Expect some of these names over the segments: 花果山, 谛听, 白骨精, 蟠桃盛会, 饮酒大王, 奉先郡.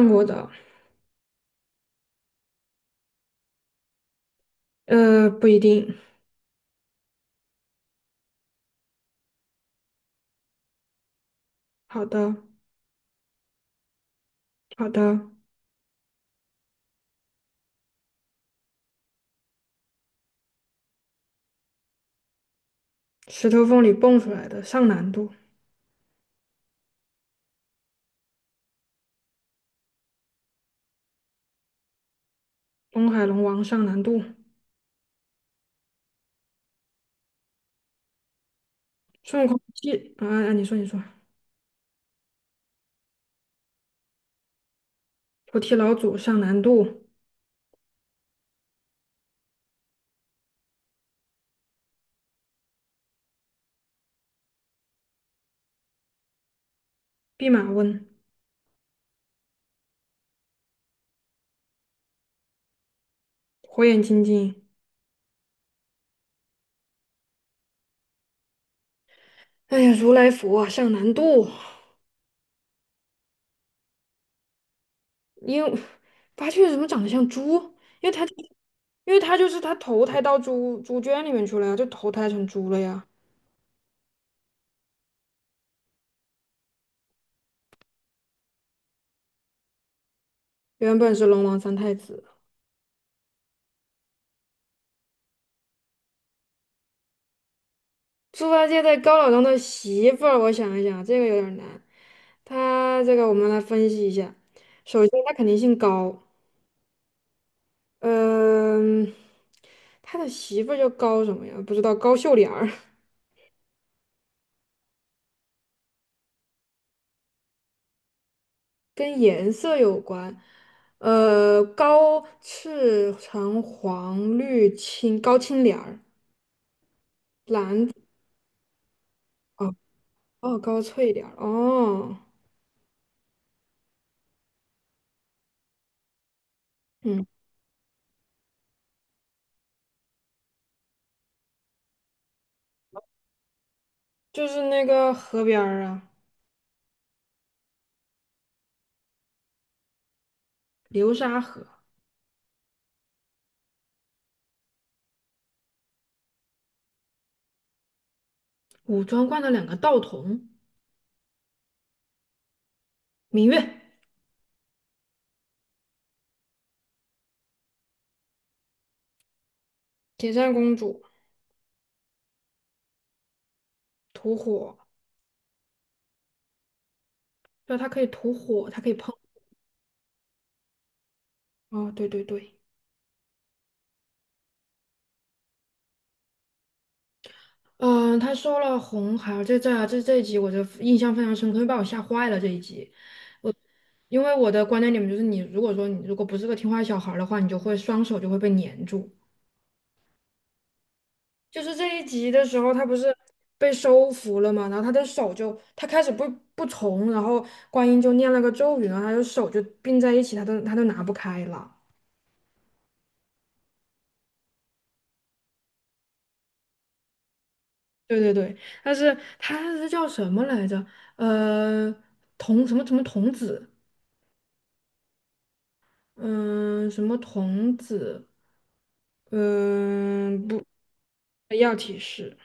看过的，不一定。好的，好的。石头缝里蹦出来的，上难度。东海龙王上难度。孙悟空替啊啊，你说你说。菩提老祖上难度。弼马温，火眼金睛。哎呀，如来佛啊上难度。因为八戒怎么长得像猪？因为他因为他就是他投胎到猪猪圈里面去了呀，就投胎成猪了呀。原本是龙王三太子。猪八戒在高老庄的媳妇儿，我想一想，这个有点儿难。他这个我们来分析一下。首先，他肯定姓高，嗯，他的媳妇儿叫高什么呀？不知道，高秀莲儿，跟颜色有关。高赤橙黄绿青，高青莲儿，蓝。哦，哦，高翠莲儿哦，嗯，就是那个河边儿啊，流沙河，武装观的两个道童，芈月。铁扇公主吐火，对，她可以吐火，她可以碰。哦，对对对，嗯、她收了红孩儿，这一集我就印象非常深刻，因为把我吓坏了这一集。我因为我的观念里面就是你，如果说你如果不是个听话小孩儿的话，你就会双手就会被粘住。就是这一集的时候，他不是被收服了嘛，然后他的手就，他开始不从，然后观音就念了个咒语，然后他的手就并在一起，他都拿不开了。对对对，但是他是叫什么来着？呃，童什么什么童子，嗯、什么童子，嗯、不，要提示，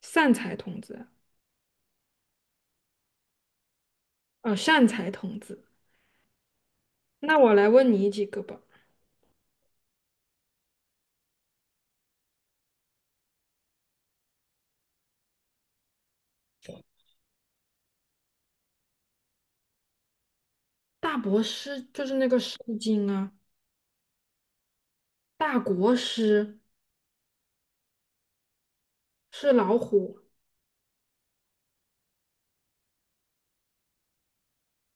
善财童子，善财童子。那我来问你几个吧。大国师就是那个《诗经》啊，大国师是老虎，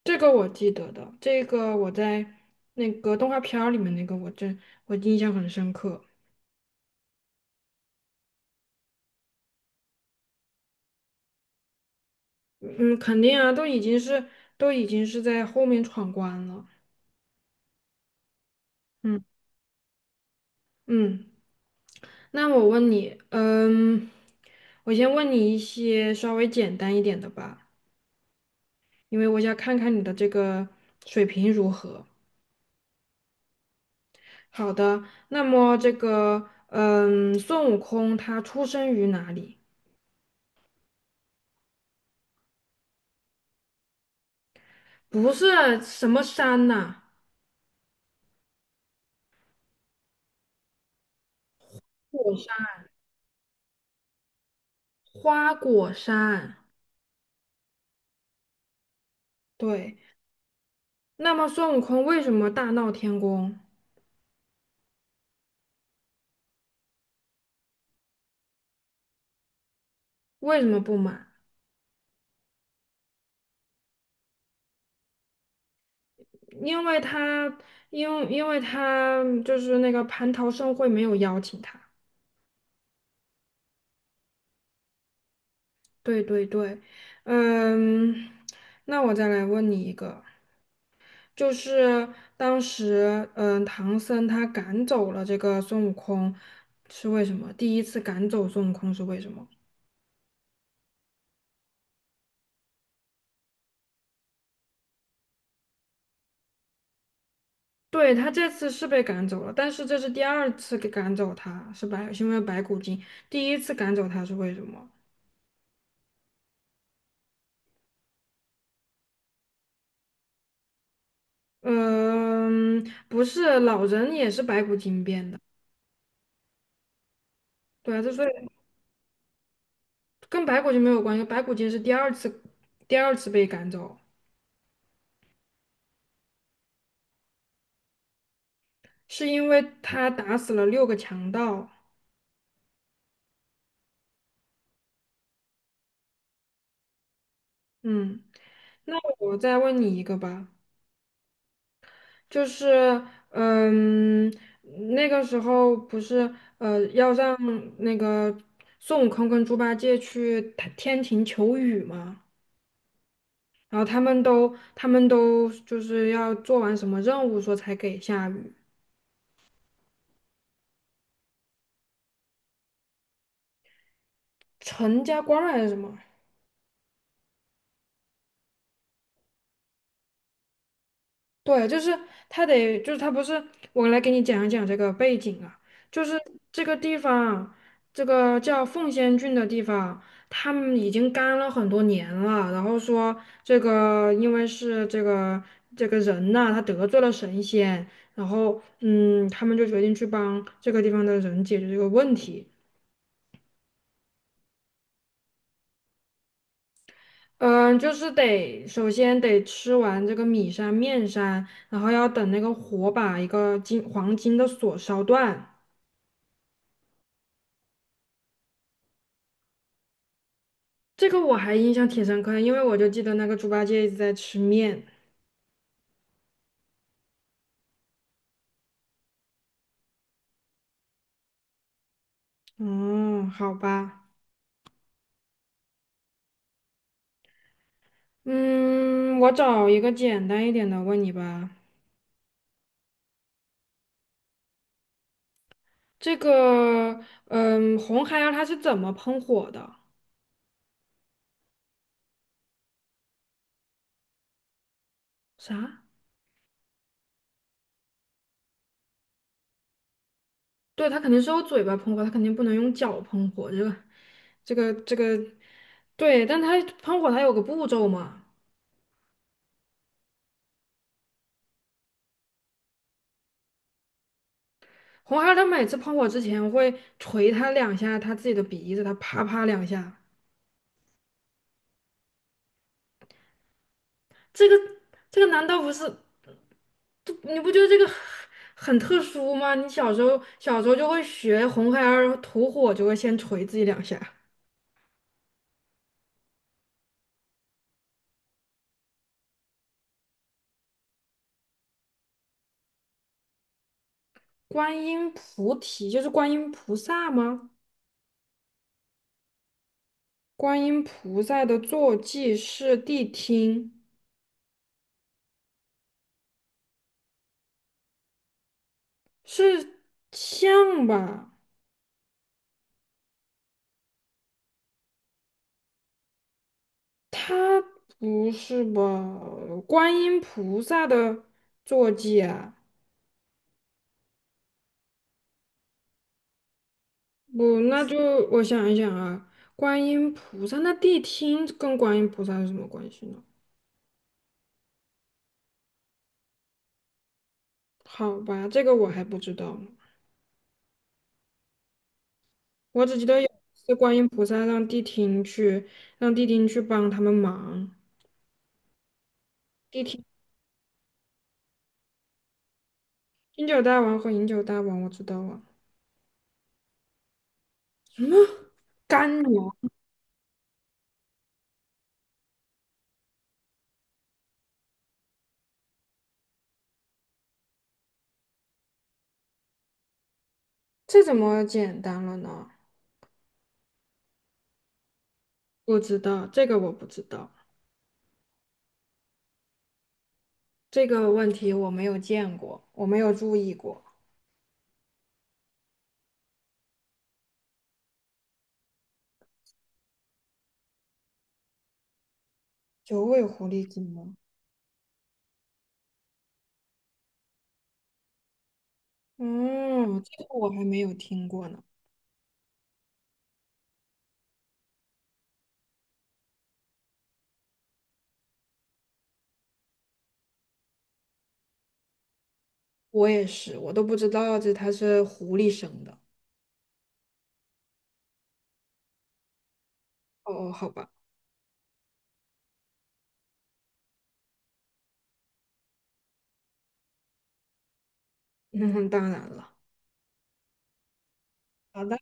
这个我记得的，这个我在那个动画片儿里面那个我印象很深刻。嗯，肯定啊，都已经是在后面闯关了。嗯，嗯，那我问你，嗯，我先问你一些稍微简单一点的吧，因为我想看看你的这个水平如何。好的，那么这个，嗯，孙悟空他出生于哪里？不是什么山呐、果山，花果山。对，那么孙悟空为什么大闹天宫？为什么不满？因为他，因为他就是那个蟠桃盛会没有邀请他。对对对，嗯，那我再来问你一个，就是当时，唐僧他赶走了这个孙悟空，是为什么？第一次赶走孙悟空是为什么？对，他这次是被赶走了，但是这是第二次给赶走他，是因为白骨精。第一次赶走他是为什么？嗯，不是，老人也是白骨精变的。对啊，这所以跟白骨精没有关系，白骨精是第二次，第二次被赶走，是因为他打死了六个强盗。嗯，那我再问你一个吧，就是，嗯，那个时候不是，要让那个孙悟空跟猪八戒去天庭求雨吗？然后他们都就是要做完什么任务，说才给下雨。陈家观还是什么？对，就是他得，就是他不是，我来给你讲一讲这个背景啊，就是这个地方，这个叫奉先郡的地方，他们已经干了很多年了，然后说这个因为是这个这个人呐、他得罪了神仙，然后嗯，他们就决定去帮这个地方的人解决这个问题。嗯，就是得首先得吃完这个米山面山，然后要等那个火把一个金黄金的锁烧断。这个我还印象挺深刻的因为我就记得那个猪八戒一直在吃面。嗯，好吧，嗯，我找一个简单一点的问你吧。这个，嗯，红孩儿他是怎么喷火的？啥？对，他肯定是用嘴巴喷火，他肯定不能用脚喷火。这个，对，但他喷火他有个步骤嘛。红孩儿他每次喷火之前会捶他两下他自己的鼻子，他啪啪两下，这个这个难道不是？你不觉得这个很很特殊吗？你小时候就会学红孩儿吐火，就会先捶自己两下。观音菩提就是观音菩萨吗？观音菩萨的坐骑是谛听，是像吧？他不是吧？观音菩萨的坐骑啊。不，那就我想一想啊，观音菩萨，那谛听跟观音菩萨有什么关系呢？好吧，这个我还不知道呢，我只记得有一次观音菩萨让谛听去，让谛听去帮他们忙。谛听，饮酒大王和饮酒大王，我知道了。什么干娘？这怎么简单了呢？不知道，这个我不知道，这个问题我没有见过，我没有注意过。九尾狐狸精吗？哦，这个我还没有听过呢。我也是，我都不知道这它是狐狸生的。哦哦，好吧，那当然了。好的。